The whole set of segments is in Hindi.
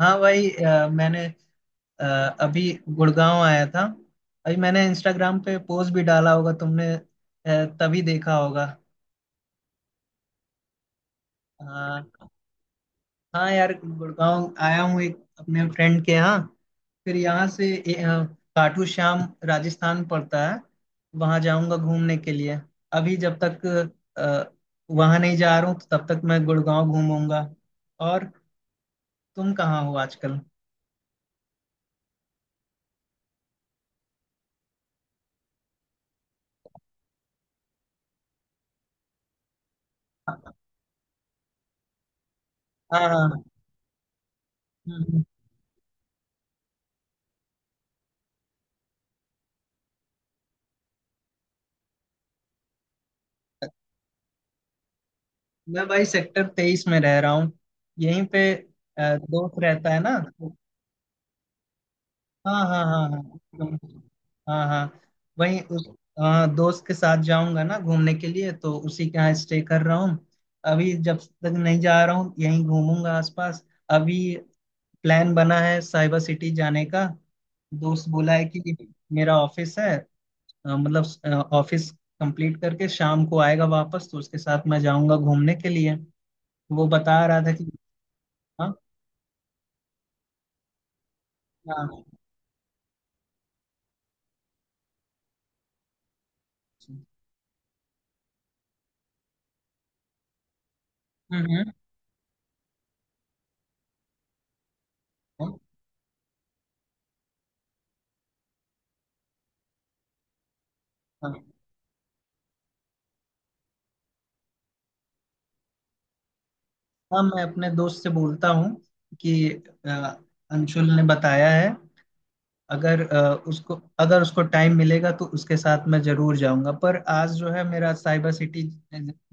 हाँ भाई, मैंने अ, अभी गुड़गांव आया था। अभी मैंने इंस्टाग्राम पे पोस्ट भी डाला होगा, तुमने तभी देखा होगा। हाँ हाँ, यार गुड़गांव आया हूँ एक अपने फ्रेंड के यहाँ। फिर यहाँ से खाटू श्याम, राजस्थान पड़ता है। वहाँ जाऊँगा घूमने के लिए। अभी जब तक अ, वहाँ नहीं जा रहा हूँ तो तब तक मैं गुड़गांव घूमूंगा। और तुम कहाँ हो आजकल? हाँ हाँ। मैं भाई सेक्टर 23 में रह रहा हूँ। यहीं पे दोस्त रहता है ना। हाँ हाँ हाँ हाँ, एकदम। हाँ हाँ, वहीं उस। हाँ, दोस्त के साथ जाऊंगा ना घूमने के लिए तो उसी के यहाँ स्टे कर रहा हूँ। अभी जब तक नहीं जा रहा हूँ यहीं घूमूंगा आसपास। अभी प्लान बना है साइबर सिटी जाने का। दोस्त बोला है कि मेरा ऑफिस है, मतलब ऑफिस कंप्लीट करके शाम को आएगा वापस तो उसके साथ मैं जाऊंगा घूमने के लिए। वो बता रहा था कि। हाँ, हाँ हाँ। हम्म हम्म, हाँ हाँ। मैं अपने दोस्त से बोलता हूँ कि अ, अंशुल ने बताया है। अगर उसको टाइम मिलेगा तो उसके साथ मैं जरूर जाऊंगा, पर आज जो है मेरा साइबर सिटी।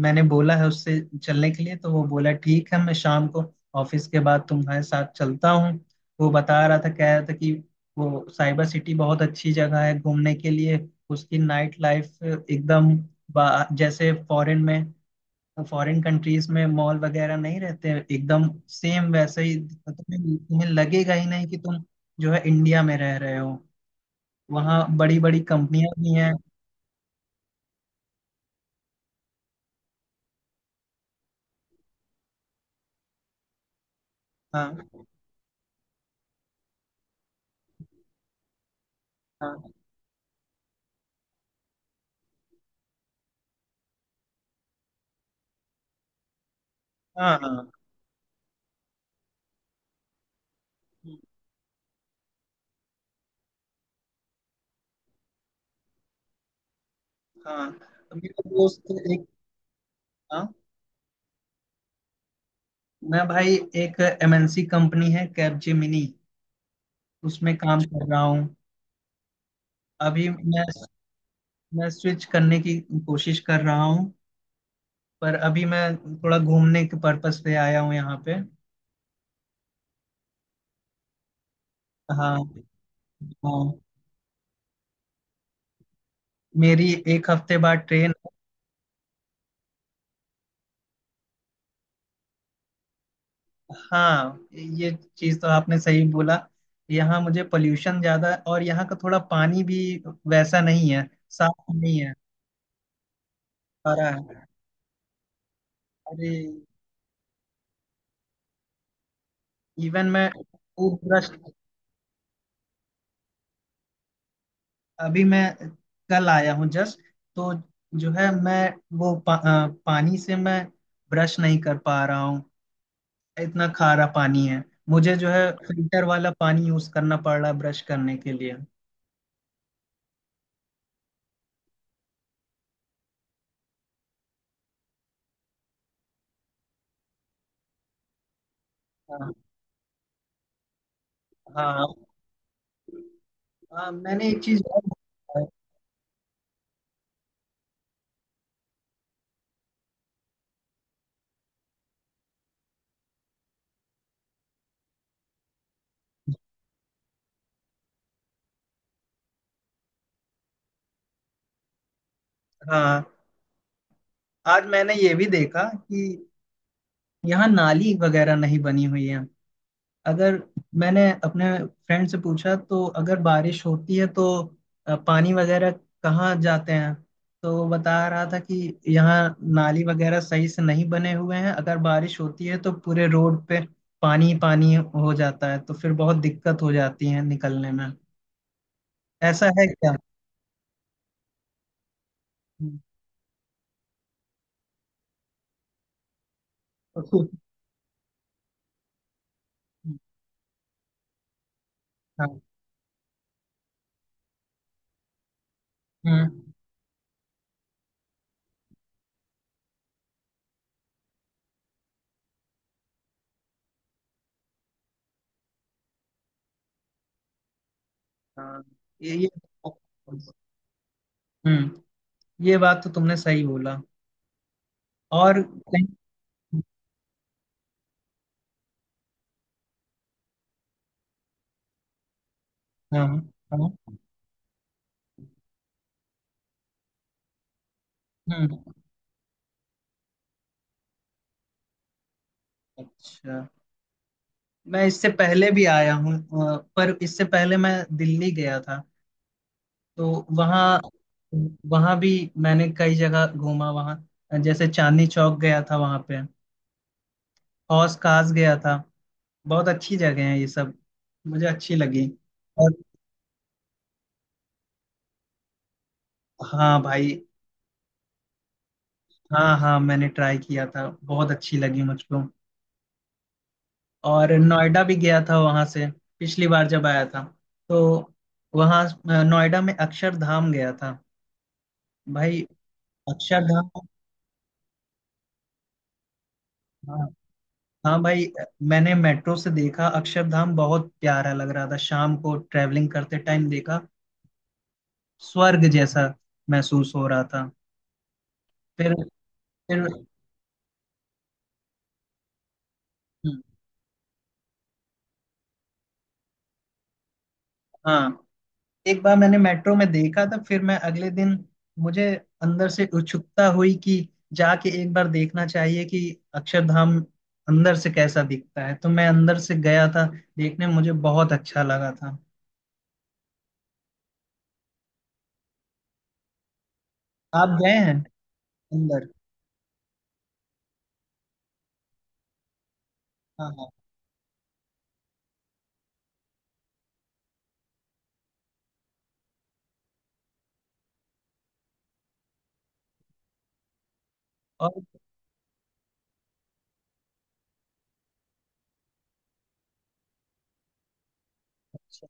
मैंने बोला है उससे चलने के लिए, तो वो बोला ठीक है, मैं शाम को ऑफिस के बाद तुम्हारे साथ चलता हूँ। वो बता रहा था कह रहा था कि वो साइबर सिटी बहुत अच्छी जगह है घूमने के लिए। उसकी नाइट लाइफ एकदम, जैसे फॉरेन कंट्रीज में मॉल वगैरह नहीं रहते, एकदम सेम वैसे ही तुम्हें तुम्हें लगेगा ही नहीं कि तुम जो है इंडिया में रह रहे हो। वहाँ बड़ी बड़ी कंपनियां भी हैं। हाँ हाँ हाँ हाँ हाँ। तो मेरा दोस्त एक। हाँ। मैं भाई, एक एमएनसी कंपनी है कैपजेमिनी, उसमें काम कर रहा हूँ अभी मैं स्विच करने की कोशिश कर रहा हूँ, पर अभी मैं थोड़ा घूमने के पर्पस पे आया हूँ यहाँ पे। हाँ हाँ। मेरी एक हफ्ते बाद ट्रेन। हाँ, ये चीज तो आपने सही बोला। यहाँ मुझे पोल्यूशन ज्यादा, और यहाँ का थोड़ा पानी भी वैसा नहीं है, साफ नहीं है। सारा है। अरे, इवन मैं टूथ ब्रश। अभी मैं कल आया हूँ जस्ट, तो जो है मैं पानी से मैं ब्रश नहीं कर पा रहा हूँ, इतना खारा पानी है। मुझे जो है फिल्टर वाला पानी यूज करना पड़ रहा है ब्रश करने के लिए। हाँ हाँ। हाँ, मैंने एक चीज और देखा है। हाँ, आज मैंने ये भी देखा कि यहाँ नाली वगैरह नहीं बनी हुई है। अगर मैंने अपने फ्रेंड से पूछा तो, अगर बारिश होती है तो पानी वगैरह कहाँ जाते हैं? तो वो बता रहा था कि यहाँ नाली वगैरह सही से नहीं बने हुए हैं। अगर बारिश होती है तो पूरे रोड पे पानी ही पानी हो जाता है, तो फिर बहुत दिक्कत हो जाती है निकलने में। ऐसा है क्या? हम्म, हाँ। हम्म, हाँ। ये ये हम्म, ये बात तो तुमने सही बोला। और कहीं। हाँ हाँ। हम्म। अच्छा। मैं इससे पहले भी आया हूँ पर इससे पहले मैं दिल्ली गया था। तो वहाँ वहाँ भी मैंने कई जगह घूमा वहाँ, जैसे चांदनी चौक गया था, वहाँ पे हौस खास गया था। बहुत अच्छी जगह है ये सब, मुझे अच्छी लगी। और हाँ भाई। हाँ हाँ, मैंने ट्राई किया था, बहुत अच्छी लगी मुझको। और नोएडा भी गया था वहां से, पिछली बार जब आया था। तो वहां नोएडा में अक्षरधाम गया था भाई। अक्षरधाम। हाँ। हाँ भाई, मैंने मेट्रो से देखा, अक्षरधाम बहुत प्यारा लग रहा था, शाम को ट्रैवलिंग करते टाइम देखा। स्वर्ग जैसा महसूस हो रहा था। फिर फिर। हम्म, हाँ। एक बार मैंने मेट्रो में देखा था, फिर मैं अगले दिन मुझे अंदर से उत्सुकता हुई कि जाके एक बार देखना चाहिए कि अक्षरधाम अंदर से कैसा दिखता है। तो मैं अंदर से गया था देखने, मुझे बहुत अच्छा लगा था। आप गए हैं अंदर? हाँ हाँ। और अच्छा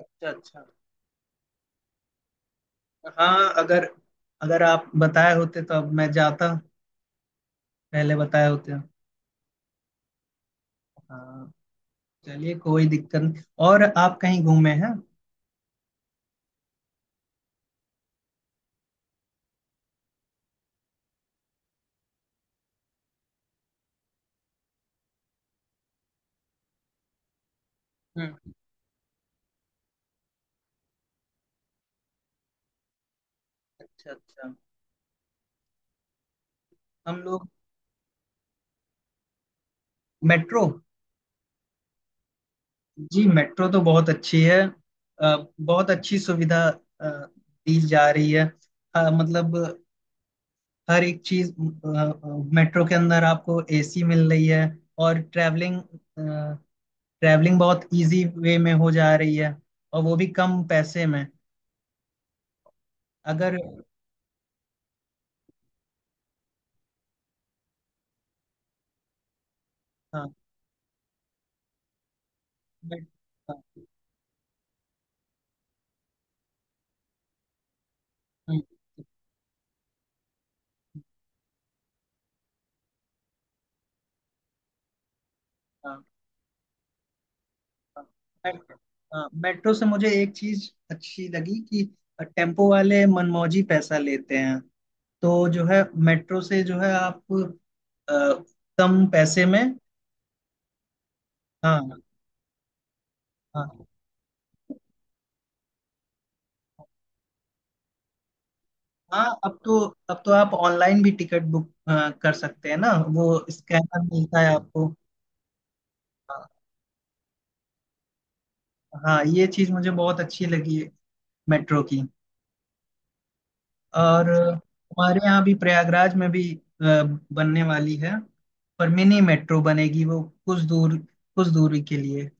अच्छा। अच्छा। हाँ, अगर अगर आप बताए होते तो अब मैं जाता, पहले बताए होते। हाँ, चलिए कोई दिक्कत नहीं। और आप कहीं घूमे हैं? हम्म। अच्छा अच्छा। हम लोग। मेट्रो। जी, मेट्रो तो बहुत अच्छी है। बहुत अच्छी सुविधा अ, दी जा रही है, मतलब हर एक चीज। मेट्रो के अंदर आपको एसी मिल रही है। और ट्रैवलिंग ट्रैवलिंग बहुत इजी वे में हो जा रही है, और वो भी कम पैसे में। अगर। हाँ। मेट- हाँ, हम्म, हाँ, हाँ, मेट्रो। हाँ, मेट्रो से मुझे एक चीज अच्छी लगी कि टेम्पो वाले मनमौजी पैसा लेते हैं, तो जो है मेट्रो से जो है आप अ, कम पैसे में। हाँ हाँ हाँ। अब तो आप ऑनलाइन भी टिकट बुक कर सकते हैं ना, वो स्कैनर मिलता है आपको। हाँ हाँ, ये चीज़ मुझे बहुत अच्छी लगी है मेट्रो की। और हमारे यहाँ भी प्रयागराज में भी बनने वाली है, पर मिनी मेट्रो बनेगी, वो कुछ दूर, कुछ दूरी के लिए।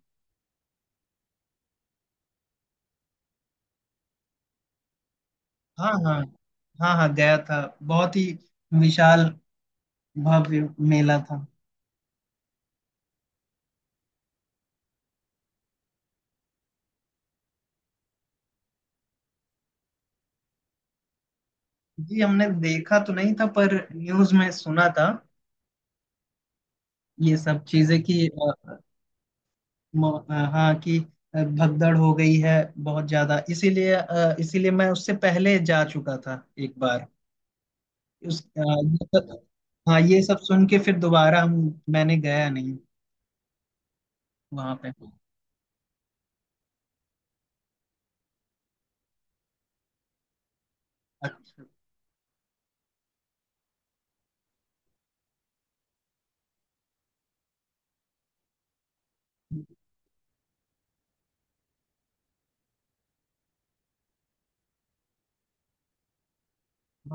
हाँ हाँ। हाँ हाँ, गया था। बहुत ही विशाल भव्य मेला था। जी, हमने देखा तो नहीं था, पर न्यूज में सुना था ये सब चीजें, कि हाँ कि भगदड़ हो गई है बहुत ज्यादा। इसीलिए मैं उससे पहले जा चुका था एक बार। ये सब- हाँ, ये सब सुन के फिर दोबारा हम मैंने गया नहीं वहां पे। अच्छा।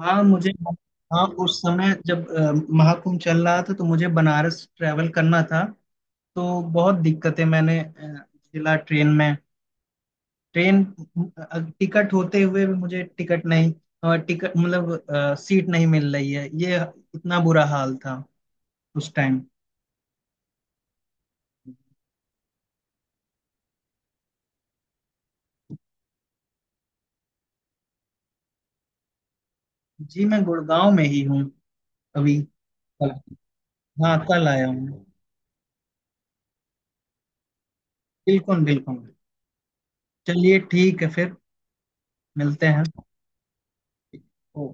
हाँ, मुझे। हाँ, उस समय जब महाकुंभ चल रहा था तो मुझे बनारस ट्रैवल करना था। तो बहुत दिक्कतें मैंने झेला ट्रेन में। ट्रेन टिकट होते हुए भी मुझे टिकट नहीं, और टिकट मतलब सीट नहीं मिल रही है। ये इतना बुरा हाल था उस टाइम। जी, मैं गुड़गांव में ही हूँ अभी। कल। हाँ, कल आया हूँ। बिल्कुल बिल्कुल। चलिए ठीक है फिर, मिलते हैं। ओ।